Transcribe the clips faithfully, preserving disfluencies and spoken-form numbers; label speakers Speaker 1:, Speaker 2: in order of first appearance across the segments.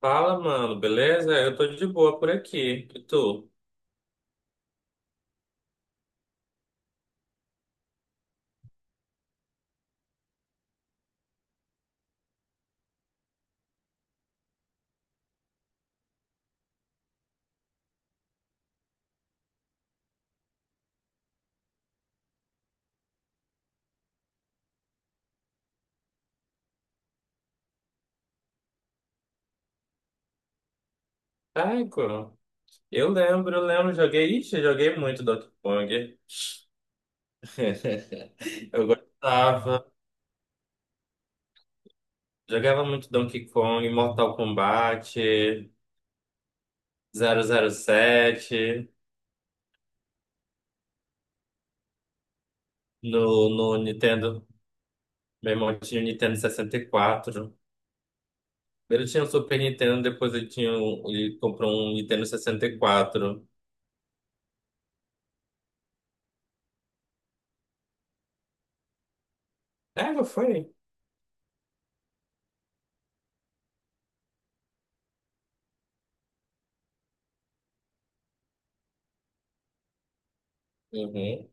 Speaker 1: Fala, mano, beleza? Eu tô de boa por aqui. E tu? Ai, co- eu lembro, eu lembro, joguei, ixi, eu joguei muito Donkey Kong. Eu gostava, jogava muito Donkey Kong, Mortal Kombat, zero zero sete no, no Nintendo, meu irmão tinha o Nintendo sessenta e quatro. Ele tinha o Super Nintendo, depois ele tinha, um- ele comprou um Nintendo sessenta e quatro. É, não foi? Uhum,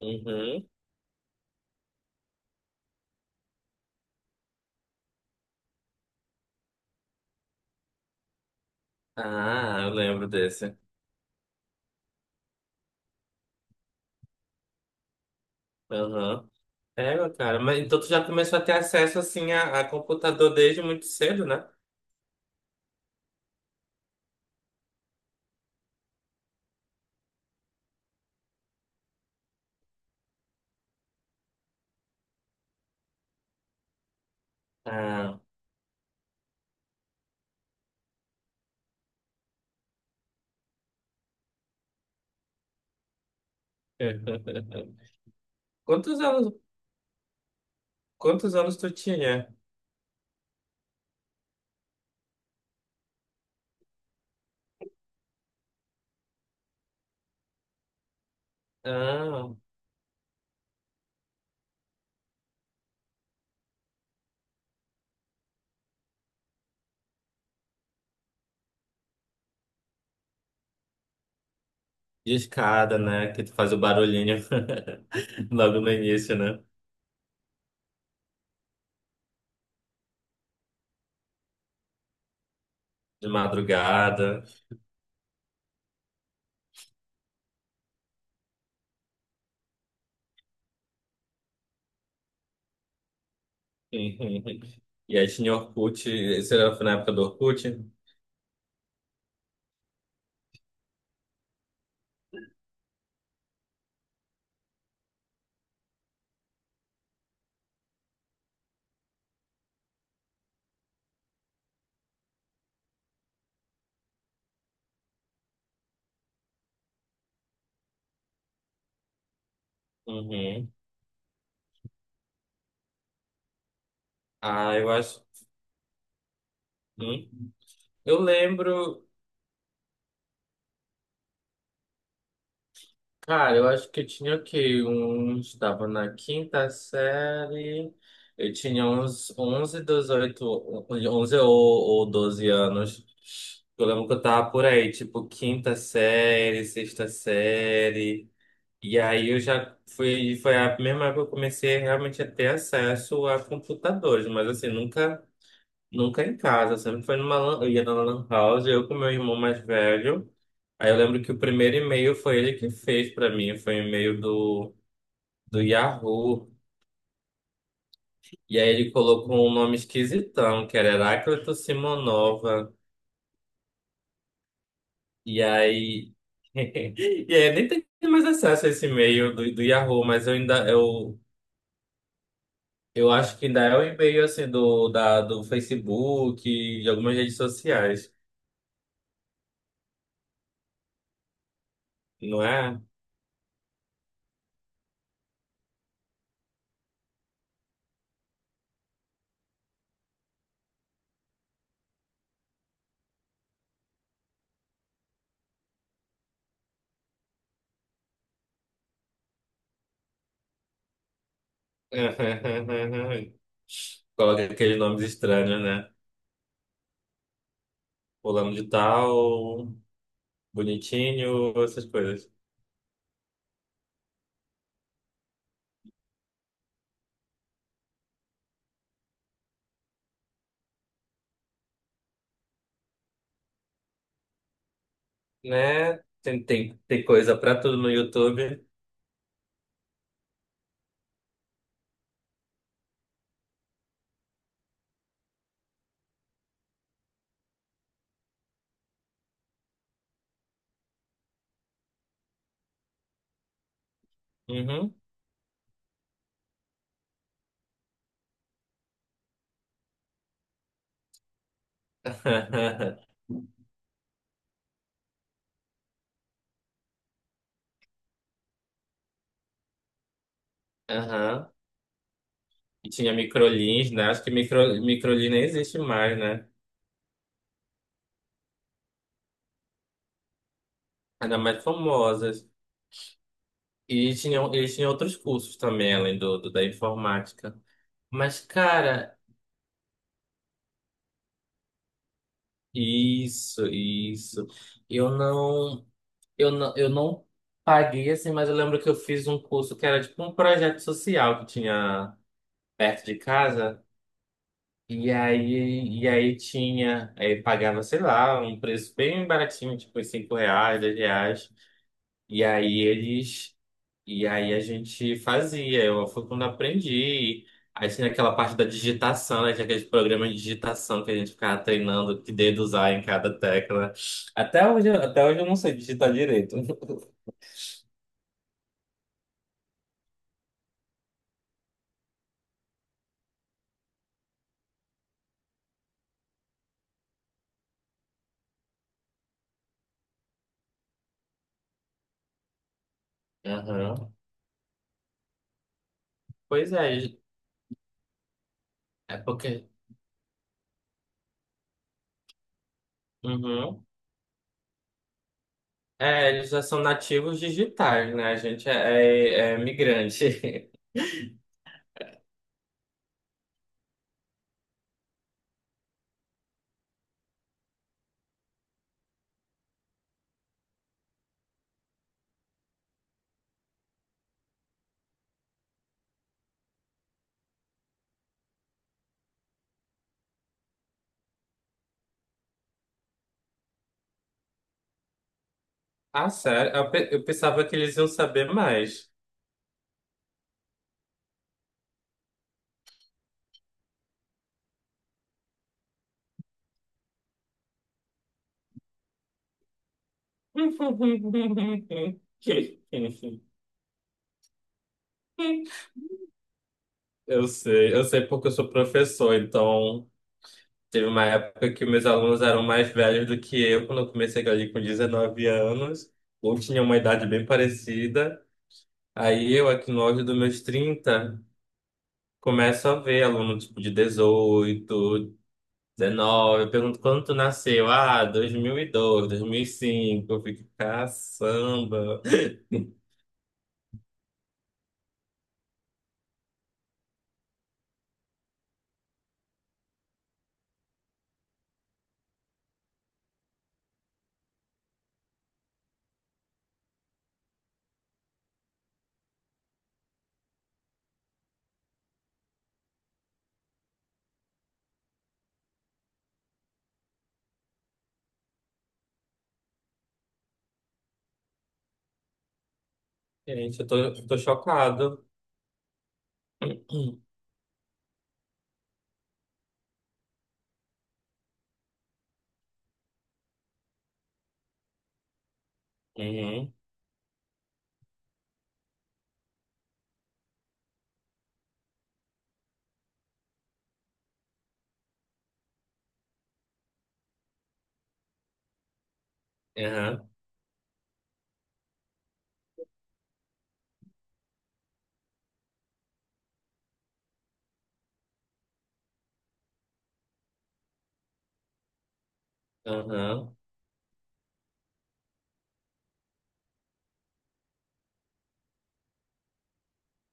Speaker 1: uhum. Ah, eu lembro desse. Aham. É, meu cara, mas então tu já começou a ter acesso assim a, a computador desde muito cedo, né? Ah. Quantos anos, quantos anos tu tinha? Ah, discada, né? Que tu faz o barulhinho logo no início, né? De madrugada. E aí tinha Orkut, isso era na época do Orkut? Uhum. Ah, eu acho. Hum. Eu lembro. Cara, eu acho que eu tinha o quê? Uns, estava na quinta série, eu tinha uns onze dezoito, onze ou, ou doze anos. Eu lembro que eu tava por aí, tipo, quinta série, sexta série. E aí eu já fui, foi a mesma época que eu comecei realmente a ter acesso a computadores, mas assim, nunca Nunca em casa, sempre foi numa lan... eu ia na lan house, eu com meu irmão mais velho. Aí eu lembro que o primeiro e-mail foi ele que fez pra mim, foi um e-mail do, do Yahoo. E aí ele colocou um nome esquisitão, que era Heráclito Simonova. E aí. E aí eu nem tenho mais acesso a esse e-mail do, do Yahoo, mas eu ainda. Eu, eu acho que ainda é o e-mail assim do, da, do Facebook, de algumas redes sociais, não é? Coloca aqueles nomes estranhos, né? Fulano de tal, bonitinho, essas coisas. Né? Tem, tem, tem coisa pra tudo no YouTube. Uhum. Aham. E tinha microlins, né? Acho que micro, microlin nem existe mais, né? Ainda mais famosas. E tinham, eles tinham outros cursos também, além do, do da informática. Mas, cara, Isso, isso. Eu não, eu não, eu não paguei assim, mas eu lembro que eu fiz um curso que era tipo um projeto social que tinha perto de casa. E aí, e aí tinha, aí pagava, sei lá, um preço bem baratinho, tipo uns cinco reais, dez reais. E aí eles e aí a gente fazia, eu fui quando aprendi. Aí tinha aquela parte da digitação, né? Tinha aqueles programas de digitação que a gente ficava treinando que dedo usar em cada tecla. Até hoje, até hoje eu não sei digitar direito. Aham. Pois é, é porque. Uhum. É, eles já são nativos digitais, né? A gente é, é, é migrante. Ah, sério? Eu, pe- eu pensava que eles iam saber mais. Eu sei, eu sei porque eu sou professor, então teve uma época que meus alunos eram mais velhos do que eu, quando eu comecei ali com dezenove anos, ou tinha uma idade bem parecida. Aí eu, aqui no auge dos meus trinta, começo a ver aluno tipo de dezoito, dezenove, eu pergunto quando tu nasceu? Ah, dois mil e dois mil mil e e cinco. Eu fico, caçamba. Gente, eu tô, eu tô chocado. Uhum, aham, aham.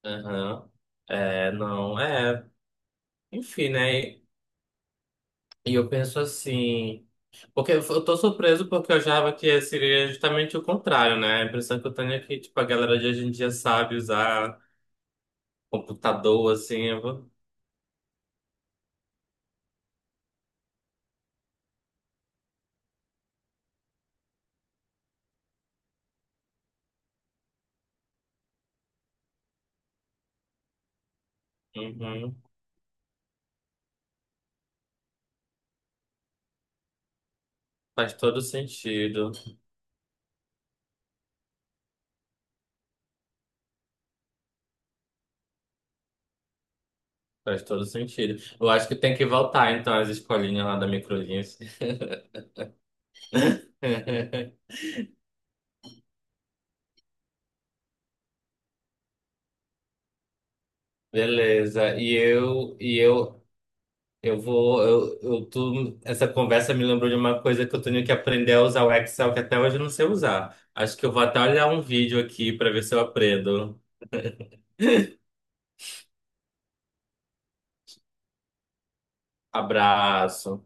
Speaker 1: Aham. É, não, é. Enfim, né? E e eu penso assim. Porque eu eu tô surpreso porque eu achava que seria justamente o contrário, né? A impressão que eu tenho é que, tipo, a galera de hoje em dia sabe usar computador, assim. eu vou- Uhum. Faz todo sentido. Faz todo sentido. Eu acho que tem que voltar, então, às escolinhas lá da Microlinhas. Beleza. E eu, e eu Eu vou, eu, eu tô. Essa conversa me lembrou de uma coisa que eu tenho que aprender a usar o Excel, que até hoje eu não sei usar. Acho que eu vou até olhar um vídeo aqui para ver se eu aprendo. Abraço.